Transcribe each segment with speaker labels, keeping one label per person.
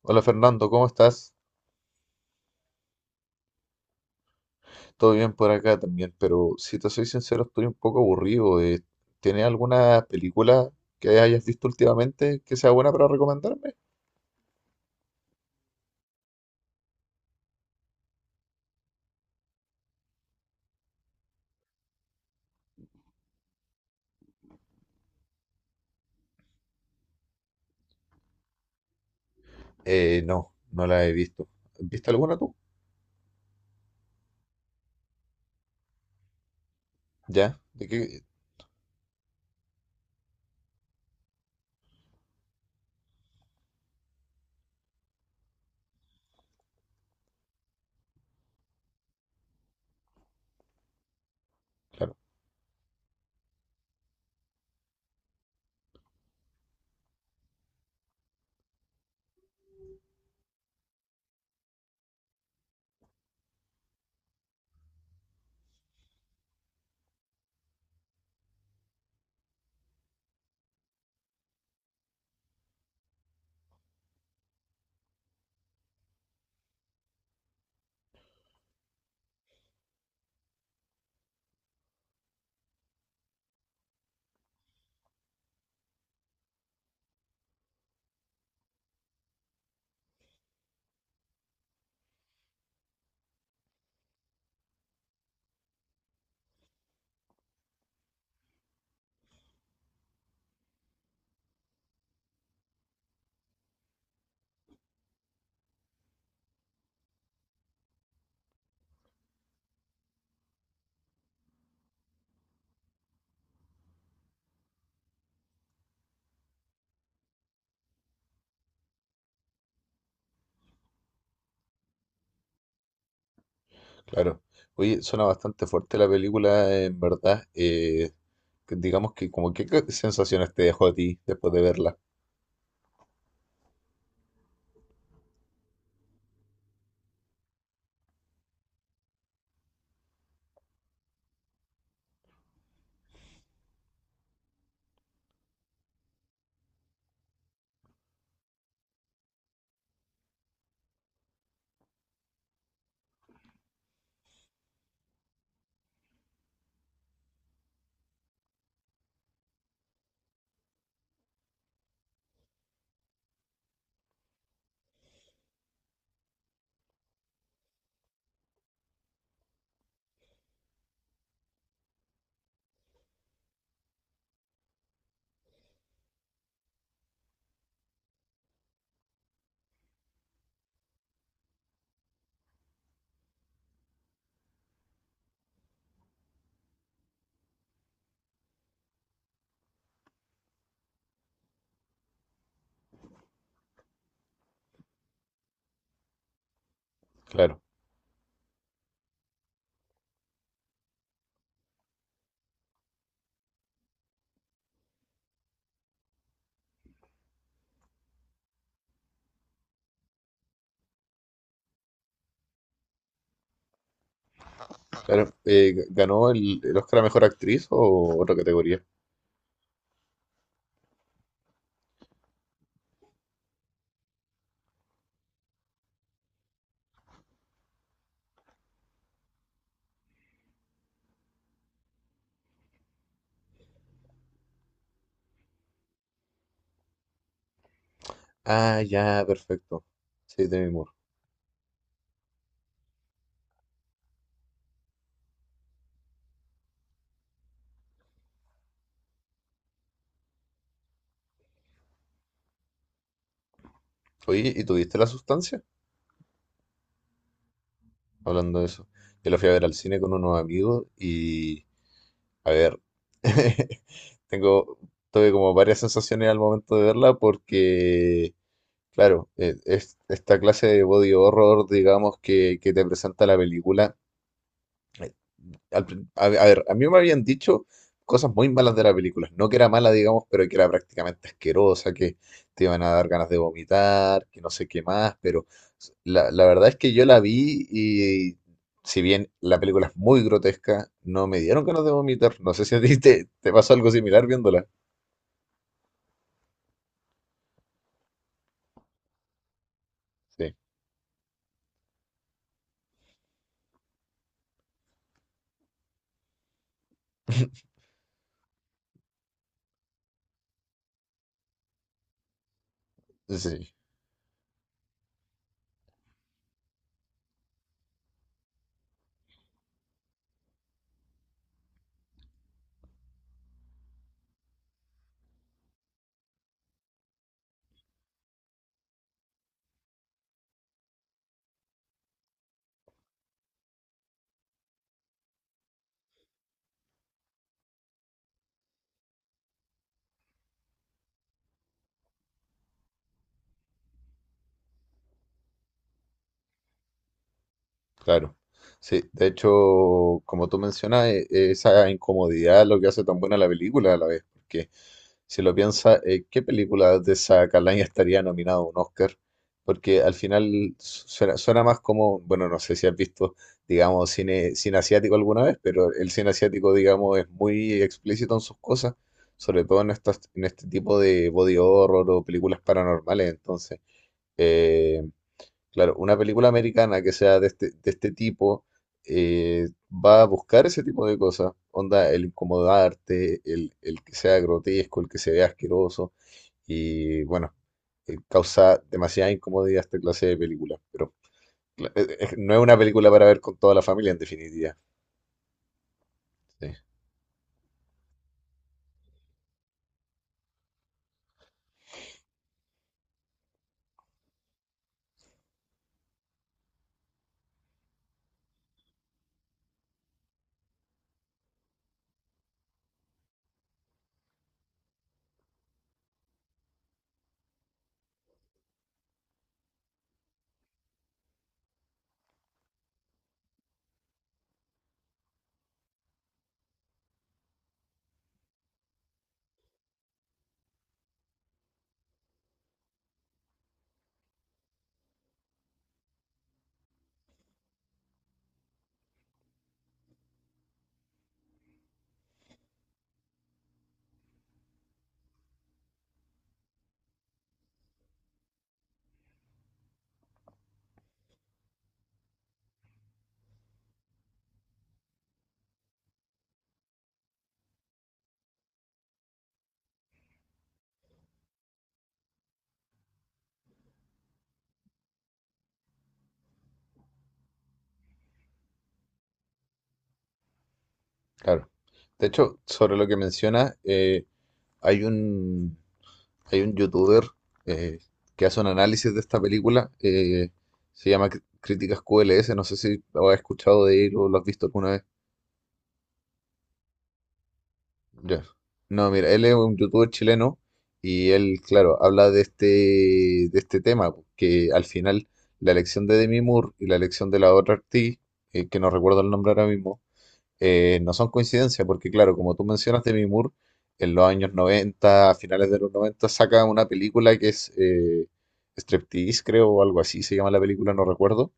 Speaker 1: Hola Fernando, ¿cómo estás? Todo bien por acá también, pero si te soy sincero, estoy un poco aburrido. ¿Tienes alguna película que hayas visto últimamente que sea buena para recomendarme? No, no la he visto. ¿Viste alguna tú? ¿Ya? ¿De qué? Claro, claro. Oye, suena bastante fuerte la película, en verdad. Que digamos que como que qué sensaciones te dejó a ti después de verla. Claro, claro. ¿Ganó el Oscar a Mejor Actriz o otra categoría? Ah, ya, perfecto. Sí, de mi. Oye, ¿y tuviste la sustancia? Hablando de eso. Yo la fui a ver al cine con unos amigos y, a ver, tengo, tuve como varias sensaciones al momento de verla porque, claro, esta clase de body horror, digamos, que te presenta la película, a ver, a mí me habían dicho cosas muy malas de la película. No que era mala, digamos, pero que era prácticamente asquerosa, que te iban a dar ganas de vomitar, que no sé qué más, pero la verdad es que yo la vi y si bien la película es muy grotesca, no me dieron ganas de vomitar. No sé si a ti te pasó algo similar viéndola. Sí, sí, sí. Claro, sí, de hecho, como tú mencionas, esa incomodidad es lo que hace tan buena la película a la vez, porque si lo piensas, ¿qué película de esa calaña estaría nominada a un Oscar? Porque al final suena más como, bueno, no sé si has visto, digamos, cine asiático alguna vez, pero el cine asiático, digamos, es muy explícito en sus cosas, sobre todo en en este tipo de body horror o películas paranormales, entonces. eh, Claro, una película americana que sea de de este tipo va a buscar ese tipo de cosas. Onda, el incomodarte, el que sea grotesco, el que se vea asqueroso. Y bueno, causa demasiada incomodidad esta clase de películas. Pero no es una película para ver con toda la familia, en definitiva. Sí, claro. De hecho, sobre lo que mencionas, hay un, hay un youtuber eh, que hace un análisis de esta película, se llama Críticas QLS, no sé si lo has escuchado de él o lo has visto alguna vez. Ya. No, mira, él es un youtuber chileno y él, claro, habla de de este tema, que al final la elección de Demi Moore y la elección de la otra actriz, que no recuerdo el nombre ahora mismo, no son coincidencias, porque claro, como tú mencionas, Demi Moore en los años 90 a finales de los 90 saca una película que es Striptease, creo, o algo así se llama la película, no recuerdo.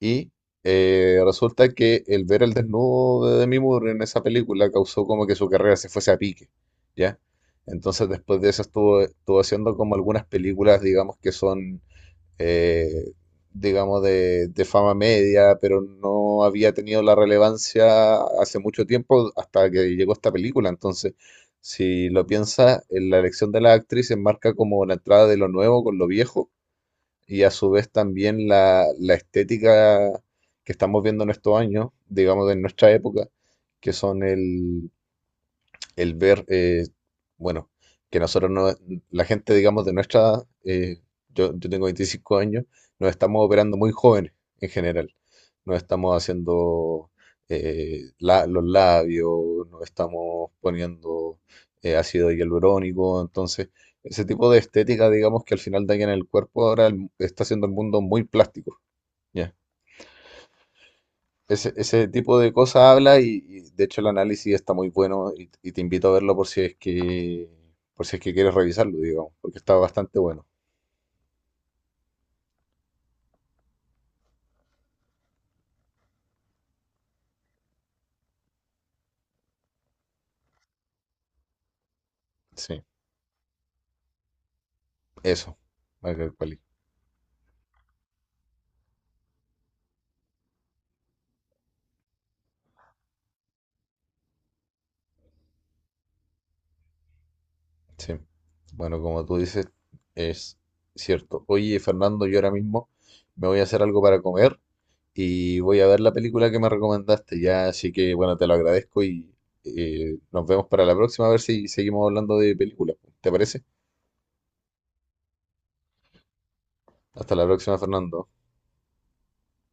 Speaker 1: Y Resulta que el ver el desnudo de Demi Moore en esa película causó como que su carrera se fuese a pique, ¿ya? Entonces después de eso estuvo haciendo como algunas películas, digamos, que son eh, digamos, de fama media, pero no había tenido la relevancia hace mucho tiempo hasta que llegó esta película. Entonces, si lo piensas, en la elección de las actrices marca como la entrada de lo nuevo con lo viejo y a su vez también la estética que estamos viendo en estos años, digamos, de nuestra época, que son el ver, bueno, que nosotros no, la gente, digamos, de nuestra edad, yo tengo 25 años, nos estamos operando muy jóvenes en general. Nos estamos haciendo los labios, nos estamos poniendo ácido hialurónico, entonces ese tipo de estética, digamos, que al final daña en el cuerpo, ahora está haciendo el mundo muy plástico, ¿ya? Ese tipo de cosas habla y, de hecho el análisis está muy bueno y te invito a verlo por si es que quieres revisarlo, digamos, porque está bastante bueno. Sí, eso, Michael Quali. Sí. Bueno, como tú dices, es cierto. Oye, Fernando, yo ahora mismo me voy a hacer algo para comer y voy a ver la película que me recomendaste ya, así que bueno, te lo agradezco y nos vemos para la próxima a ver si seguimos hablando de películas. ¿Te parece? Hasta la próxima, Fernando.